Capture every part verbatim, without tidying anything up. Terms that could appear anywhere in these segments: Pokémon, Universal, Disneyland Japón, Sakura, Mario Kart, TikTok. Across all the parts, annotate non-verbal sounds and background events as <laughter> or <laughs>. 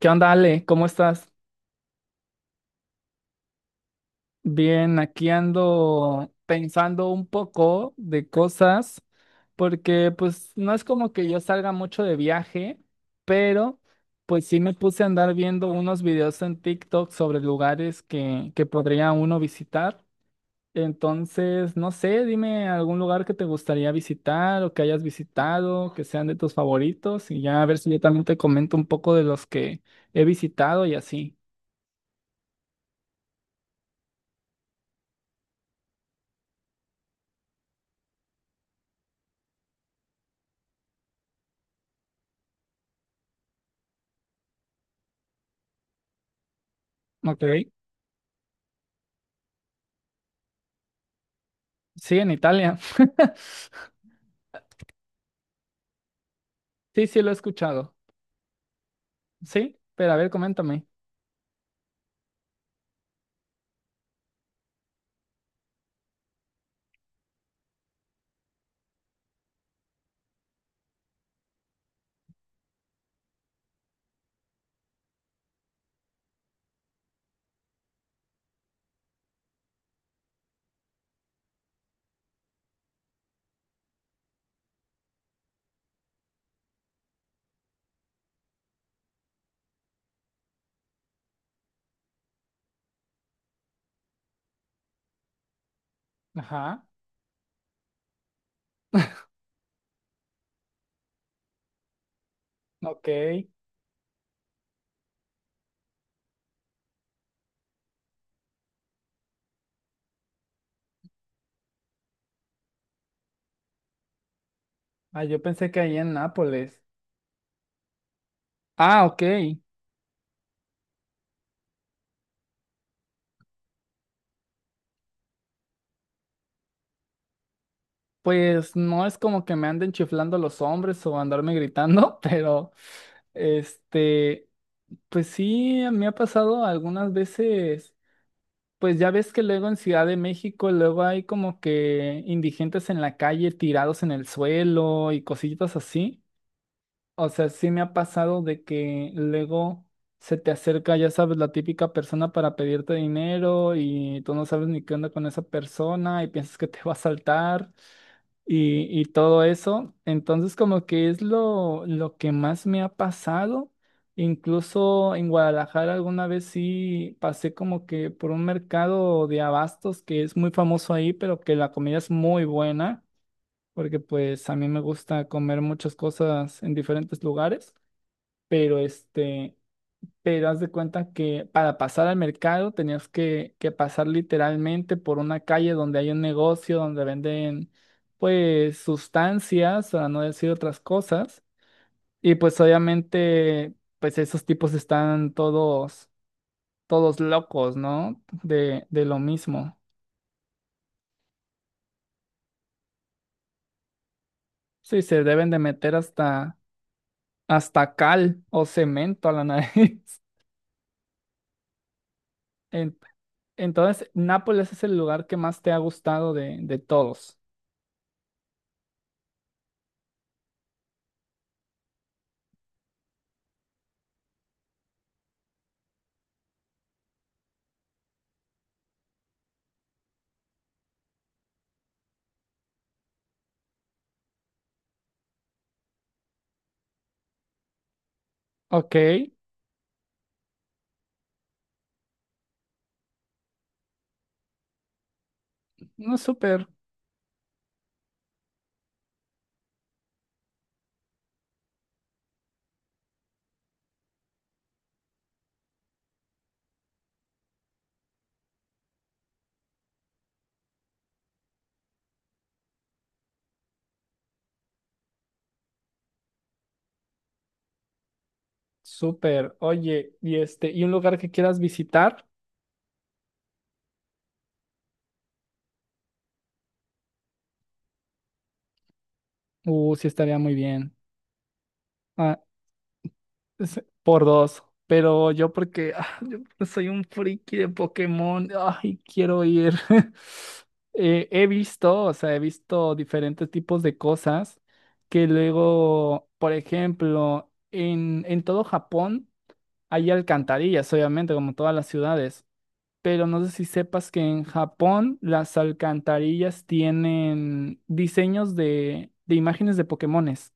¿Qué onda, Ale? ¿Cómo estás? Bien, aquí ando pensando un poco de cosas, porque pues no es como que yo salga mucho de viaje, pero pues sí me puse a andar viendo unos videos en TikTok sobre lugares que, que podría uno visitar. Entonces, no sé, dime algún lugar que te gustaría visitar o que hayas visitado, que sean de tus favoritos, y ya a ver si yo también te comento un poco de los que he visitado y así. Ok. Sí, en Italia. <laughs> Sí, sí, lo he escuchado. Sí, pero a ver, coméntame. Ajá, ok. Ah, yo pensé que ahí en Nápoles. Ah, ok. Pues no es como que me anden chiflando los hombres o andarme gritando, <laughs> pero este, pues sí, me ha pasado algunas veces. Pues ya ves que luego en Ciudad de México, luego hay como que indigentes en la calle tirados en el suelo y cositas así. O sea, sí me ha pasado de que luego se te acerca, ya sabes, la típica persona para pedirte dinero y tú no sabes ni qué onda con esa persona y piensas que te va a saltar y, y todo eso. Entonces, como que es lo, lo que más me ha pasado. Incluso en Guadalajara alguna vez sí pasé como que por un mercado de abastos que es muy famoso ahí, pero que la comida es muy buena, porque pues a mí me gusta comer muchas cosas en diferentes lugares pero este, pero haz de cuenta que para pasar al mercado tenías que, que pasar literalmente por una calle donde hay un negocio donde venden pues sustancias, para no decir otras cosas, y pues obviamente pues esos tipos están todos todos locos, ¿no? De, de lo mismo. Sí, se deben de meter hasta hasta cal o cemento a la <laughs> nariz. En- Entonces, Nápoles es el lugar que más te ha gustado de, de todos. Ok, no, súper, súper. Oye, y este, y un lugar que quieras visitar, uh, sí estaría muy bien. Ah, es- por dos, pero yo porque ah, yo soy un friki de Pokémon, ay, quiero ir. <laughs> Eh, he visto, o sea, he visto diferentes tipos de cosas que luego, por ejemplo, en, en todo Japón hay alcantarillas, obviamente, como todas las ciudades. Pero no sé si sepas que en Japón las alcantarillas tienen diseños de, de imágenes de Pokémones.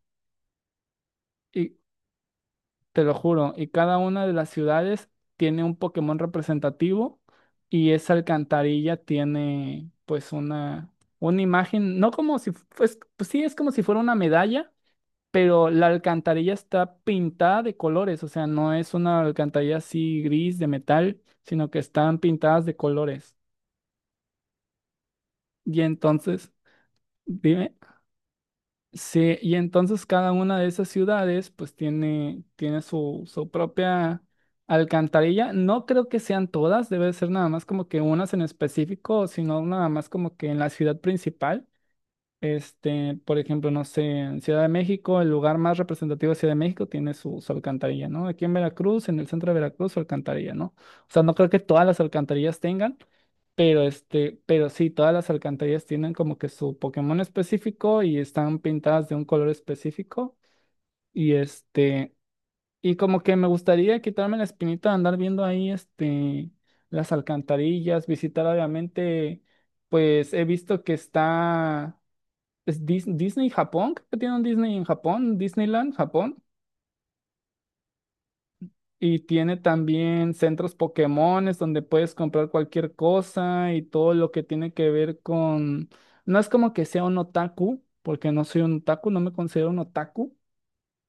Y te lo juro, y cada una de las ciudades tiene un Pokémon representativo y esa alcantarilla tiene pues una, una imagen, no como si, fu- pues, pues sí, es como si fuera una medalla. Pero la alcantarilla está pintada de colores, o sea, no es una alcantarilla así gris de metal, sino que están pintadas de colores. Y entonces, dime. Sí, y entonces cada una de esas ciudades pues tiene, tiene su, su propia alcantarilla. No creo que sean todas, debe ser nada más como que unas en específico, sino nada más como que en la ciudad principal. Este, por ejemplo, no sé, en Ciudad de México, el lugar más representativo de Ciudad de México tiene su, su alcantarilla, ¿no? Aquí en Veracruz, en el centro de Veracruz, su alcantarilla, ¿no? O sea, no creo que todas las alcantarillas tengan, pero este, pero sí, todas las alcantarillas tienen como que su Pokémon específico y están pintadas de un color específico. Y este, y como que me gustaría quitarme la espinita de andar viendo ahí este las alcantarillas, visitar obviamente, pues he visto que está es Dis- Disney Japón, creo que tiene un Disney en Japón, Disneyland Japón. Y tiene también centros Pokémones donde puedes comprar cualquier cosa y todo lo que tiene que ver con... No es como que sea un otaku, porque no soy un otaku, no me considero un otaku,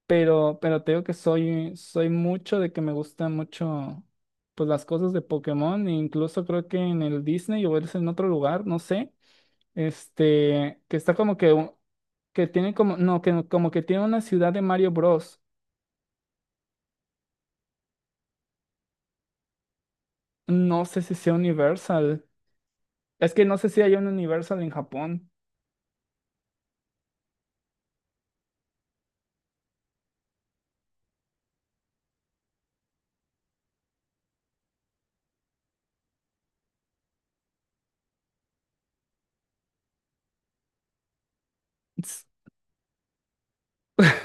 pero, pero te digo que soy, soy mucho de que me gustan mucho pues las cosas de Pokémon, e incluso creo que en el Disney o es en otro lugar, no sé, este, que está como que, un- que tiene como, no, que como que tiene una ciudad de Mario Bros. No sé si sea Universal. Es que no sé si hay un Universal en Japón. <laughs>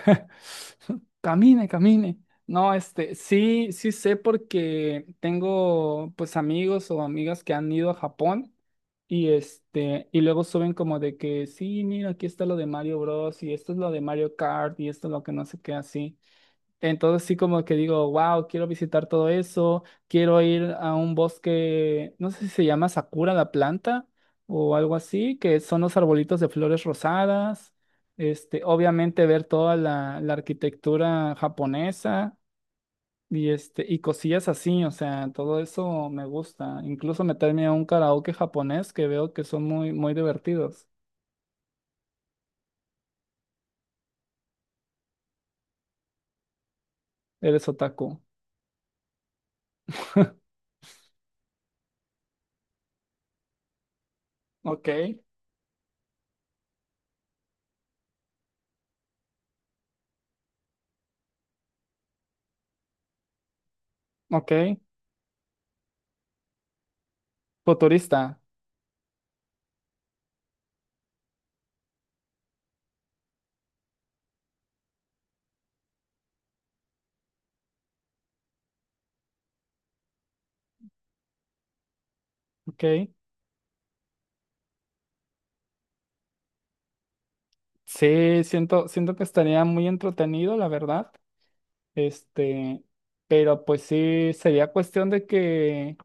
Camine, camine. No, este, sí, sí sé porque tengo pues amigos o amigas que han ido a Japón y este, y luego suben como de que sí, mira, aquí está lo de Mario Bros. Y esto es lo de Mario Kart y esto es lo que no sé qué así. Entonces sí como que digo, wow, quiero visitar todo eso, quiero ir a un bosque, no sé si se llama Sakura la planta o algo así, que son los arbolitos de flores rosadas, este, obviamente ver toda la, la arquitectura japonesa y este, y cosillas así, o sea, todo eso me gusta. Incluso meterme a un karaoke japonés que veo que son muy, muy divertidos. Eres otaku. <laughs> Ok, ok, futurista, ok. Sí, siento, siento que estaría muy entretenido, la verdad. Este, pero pues sí, sería cuestión de que,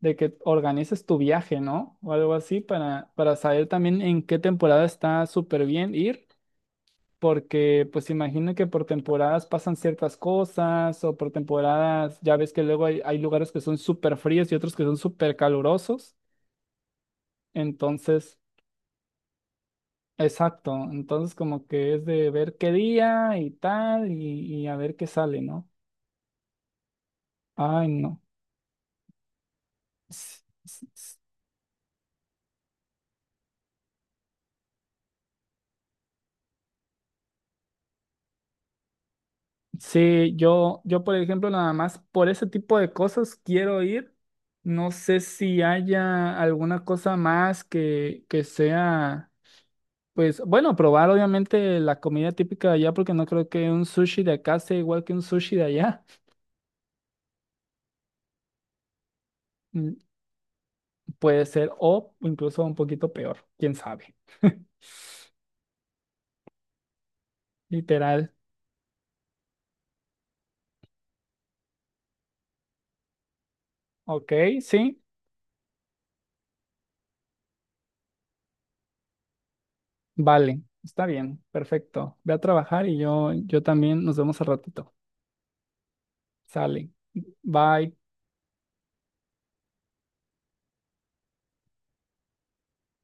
de que organices tu viaje, ¿no? O algo así para, para saber también en qué temporada está súper bien ir, porque pues imagino que por temporadas pasan ciertas cosas o por temporadas, ya ves que luego hay, hay lugares que son súper fríos y otros que son súper calurosos. Entonces... Exacto, entonces como que es de ver qué día y tal y, y a ver qué sale, ¿no? Ay, no. S- s- s- Sí, yo, yo por ejemplo nada más por ese tipo de cosas quiero ir. No sé si haya alguna cosa más que, que sea, pues bueno, probar obviamente la comida típica de allá porque no creo que un sushi de acá sea igual que un sushi de allá. Mm, puede ser o incluso un poquito peor, quién sabe. <laughs> Literal. Ok, sí, vale, está bien, perfecto. Ve a trabajar y yo, yo también nos vemos al ratito. Sale. Bye.